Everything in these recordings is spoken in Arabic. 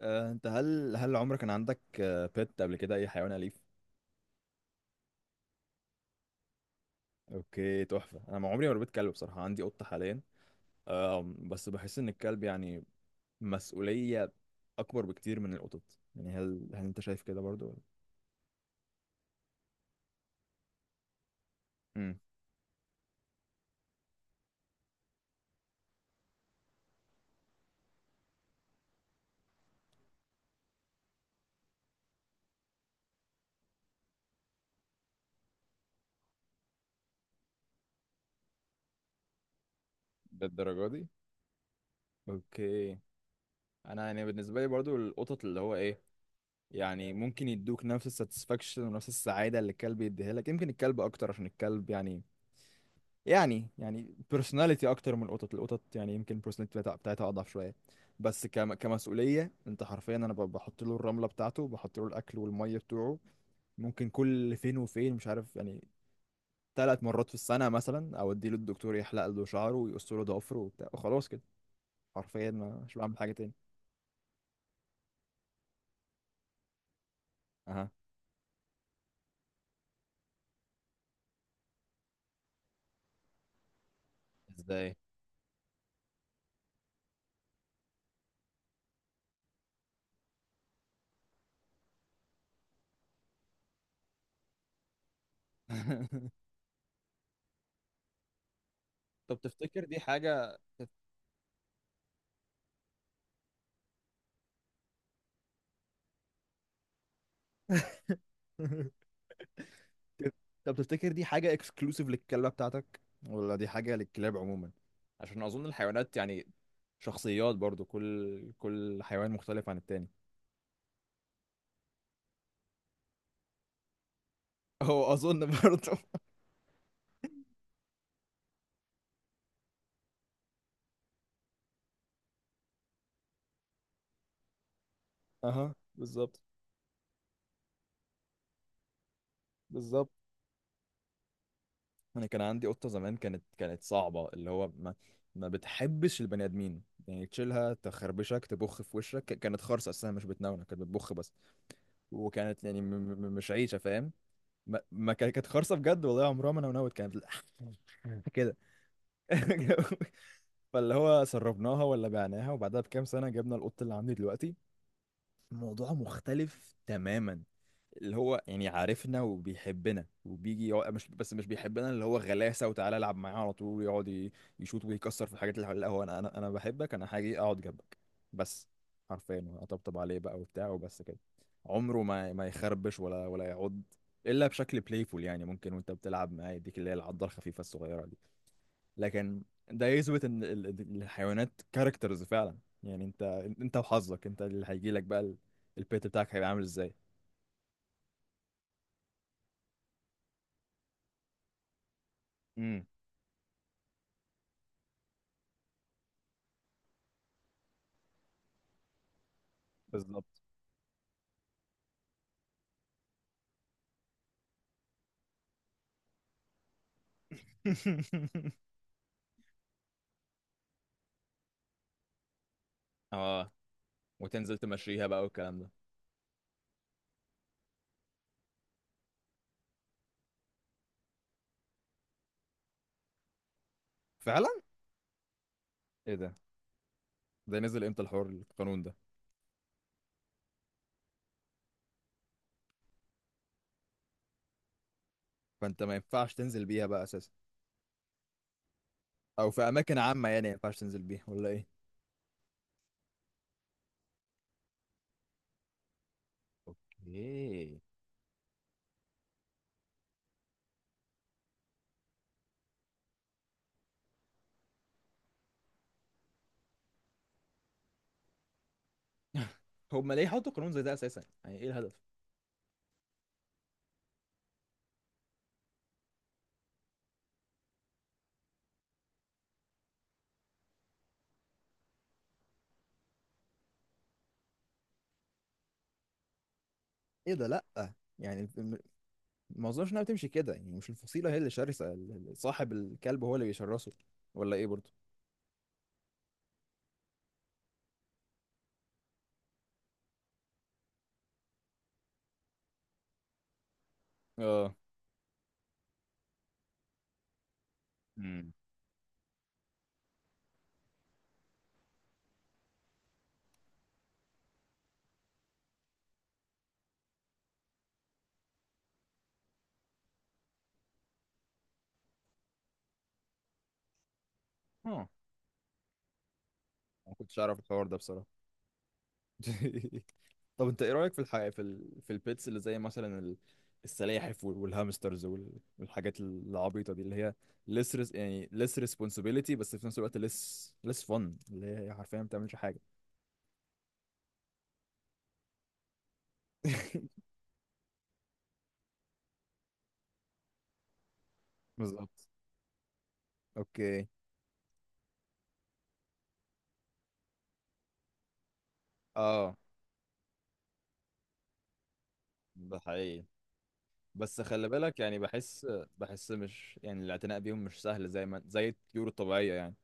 انت هل عمرك كان عندك بيت قبل كده اي حيوان اليف؟ اوكي، تحفه. انا ما عمري ما ربيت كلب بصراحه. عندي قطه حاليا. بس بحس ان الكلب يعني مسؤوليه اكبر بكتير من القطط. يعني هل انت شايف كده برضو ولا؟ امم. للدرجة دي؟ اوكي. انا يعني بالنسبه لي برضو القطط اللي هو ايه، يعني ممكن يدوك نفس الساتسفاكشن ونفس السعاده اللي الكلب يديها لك، يمكن الكلب اكتر عشان الكلب يعني، يعني بيرسوناليتي اكتر من القطط. القطط يعني يمكن البيرسوناليتي بتاعتها اضعف شويه. بس كمسؤوليه انت حرفيا انا بحط له الرمله بتاعته، بحط له الاكل والميه بتوعه. ممكن كل فين وفين، مش عارف، يعني 3 مرات في السنه مثلا اوديه للدكتور يحلق له شعره ويقص له ضفره وبتاع وخلاص كده. حرفيا مش بعمل حاجه تاني. اها. ازاي؟ طب تفتكر دي حاجة؟ طب تفتكر دي حاجة اكسكلوسيف للكلبة بتاعتك ولا دي حاجة للكلاب عموما؟ عشان اظن الحيوانات يعني شخصيات برضو، كل حيوان مختلف عن التاني. هو اظن برضه. اها، بالظبط. بالظبط. انا كان عندي قطه زمان، كانت صعبه، اللي هو ما بتحبش البني ادمين. يعني تشيلها تخربشك، تبخ في وشك. كانت خرصه اساسا، مش بتنونة، كانت بتبخ بس. وكانت يعني مش عايشه، فاهم؟ ما, ما كان- كانت خرصه بجد والله، عمرها ما نونت، كانت بتل- كده. فاللي هو سربناها ولا بعناها، وبعدها بكام سنة جبنا القط اللي عندي دلوقتي. الموضوع مختلف تماما. اللي هو يعني عارفنا وبيحبنا وبيجي يقعد. مش بس مش بيحبنا، اللي هو غلاسة وتعالى العب معايا على طول. ويقعد يشوط ويكسر في الحاجات اللي حواليه. لا هو، انا بحبك، انا هاجي اقعد جنبك بس. حرفيا اطبطب عليه بقى وبتاع وبس كده. عمره ما يخربش ولا يعض، الا بشكل بلايفول. يعني ممكن وانت بتلعب معاه يديك اللي هي العضه الخفيفه الصغيره دي. لكن ده يثبت ان الحيوانات كاركترز فعلا. يعني انت، انت وحظك انت اللي هيجي لك بقى البيت بتاعك هيبقى عامل ازاي. امم. بالظبط. اه. وتنزل تمشيها بقى والكلام ده. فعلا. ايه ده؟ ده نزل امتى الحوار القانون ده؟ فانت ما ينفعش تنزل بيها بقى اساسا؟ او في اماكن عامة يعني ما ينفعش تنزل بيها ولا ايه؟ اوكي. هما ليه حطوا قانون زي ده اساسا؟ يعني ايه الهدف؟ ايه ده؟ لا يعني ما اظنش انها بتمشي كده، يعني مش الفصيله هي اللي شرسه، صاحب الكلب هو اللي بيشرسه. ولا ايه برضه؟ اه. امم. اه، ما كنتش اعرف الحوار ده بصراحه. طب انت ايه رايك في الحقيقه في البيتس اللي زي السلاحف والهامسترز والحاجات العبيطه دي اللي هي يعني less responsibility، بس في نفس الوقت less fun. اللي هي حرفيا ما بتعملش حاجه. بالظبط. اوكي. اه. ده حقيقي. بس خلي بالك، يعني بحس، بحس مش يعني الاعتناء بيهم مش سهل زي ما زي الطيور الطبيعية يعني،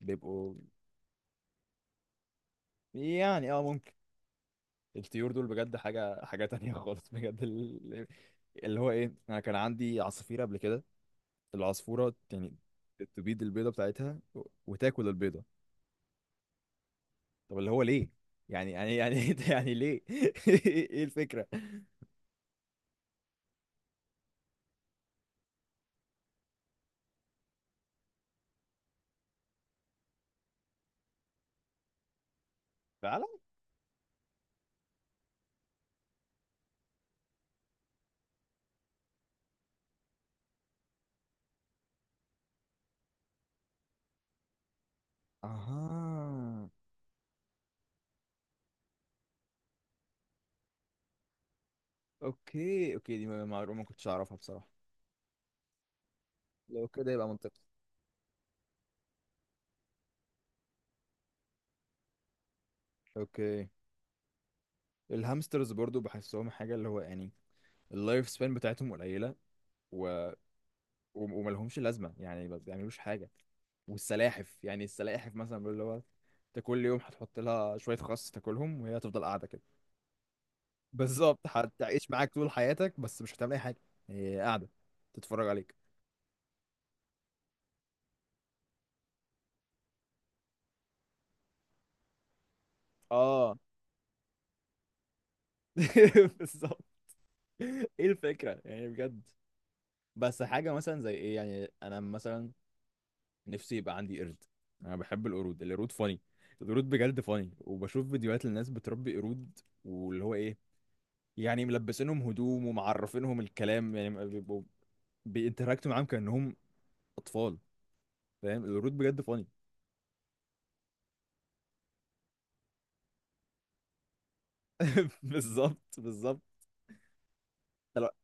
بيبقوا. يعني اه ممكن. الطيور دول بجد حاجة تانية خالص بجد. اللي هو ايه، انا كان عندي عصافير قبل كده. العصفورة يعني تبيض البيضة بتاعتها وتاكل البيضة. طب اللي هو ليه؟ يعني يعني ليه؟ ايه الفكرة؟ فعلا. اها. اوكي، اوكي، دي معلومة ما كنتش اعرفها بصراحة. لو كده يبقى منطقي. اوكي. الهامسترز برضو بحسهم حاجة اللي هو يعني اللايف سبان بتاعتهم قليلة. و... وملهمش لازمة، يعني ما بيعملوش حاجة. والسلاحف، يعني السلاحف مثلا بيقول اللي هو، انت كل يوم هتحط لها شوية خس تاكلهم وهي هتفضل قاعدة كده. بالظبط، هتعيش معاك طول حياتك بس مش هتعمل أي حاجة. هي قاعدة تتفرج عليك. اه. بالظبط. ايه الفكرة يعني بجد؟ بس حاجة مثلا زي ايه، يعني انا مثلا نفسي يبقى عندي قرد. انا بحب القرود. القرود فاني. القرود بجد فاني، وبشوف فيديوهات للناس بتربي قرود، واللي هو ايه، يعني ملبسينهم هدوم ومعرفينهم الكلام، يعني ما بيبقوا بينتراكتوا معاهم كأنهم اطفال. فاهم؟ القرود بجد فاني. بالظبط، بالظبط. لا.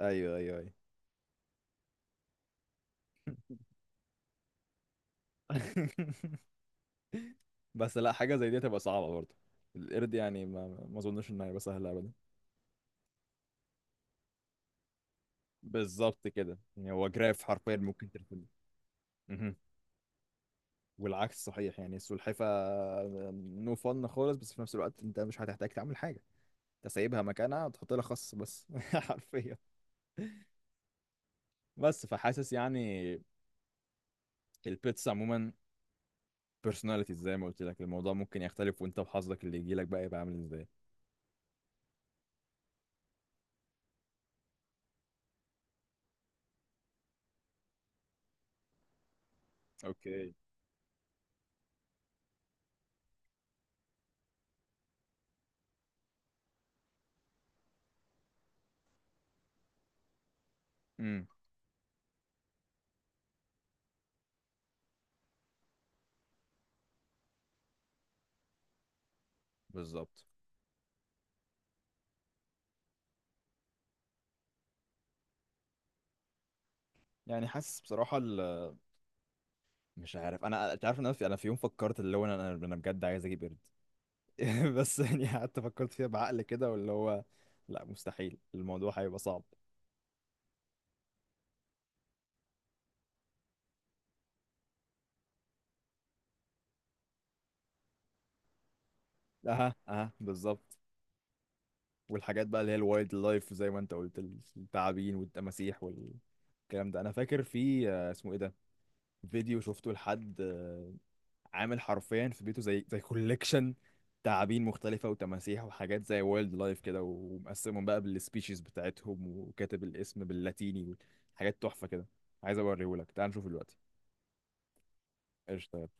ايوه، ايوه، ايوه. بس لا، حاجه زي دي هتبقى صعبه برضه. القرد يعني ما اظنش انها هيبقى سهله ابدا. بالظبط كده، يعني هو جراف حرفيا ممكن ترسمه. مهم. والعكس صحيح، يعني السلحفة نو فن خالص، بس في نفس الوقت انت مش هتحتاج تعمل حاجة. انت سايبها مكانها تحط لها خص بس حرفيا. بس فحاسس يعني، البيتس عموما personalities، زي ما قلت لك الموضوع ممكن يختلف، وانت وحظك اللي يجي لك بقى يبقى عامل ازاي. اوكي. امم. بالظبط. يعني حاسس بصراحة، مش عارف. انا انت عارف ان انا انا في يوم فكرت اللي هو انا انا أنا بجد عايز اجيب قرد. بس يعني قعدت فكرت فيها بعقل كده واللي هو، لا مستحيل، الموضوع هيبقى صعب. اها، اها، بالظبط. والحاجات بقى اللي هي الوايلد لايف زي ما انت قلت، التعابين والتماسيح والكلام ده. انا فاكر في اسمه ايه ده، فيديو شفته لحد عامل حرفيا في بيته زي كوليكشن تعابين مختلفة وتماسيح وحاجات زي وايلد لايف كده، ومقسمهم بقى بالسبيشيز بتاعتهم وكاتب الاسم باللاتيني. حاجات تحفة كده. عايز اوريهولك، تعال نشوف دلوقتي. قشطة.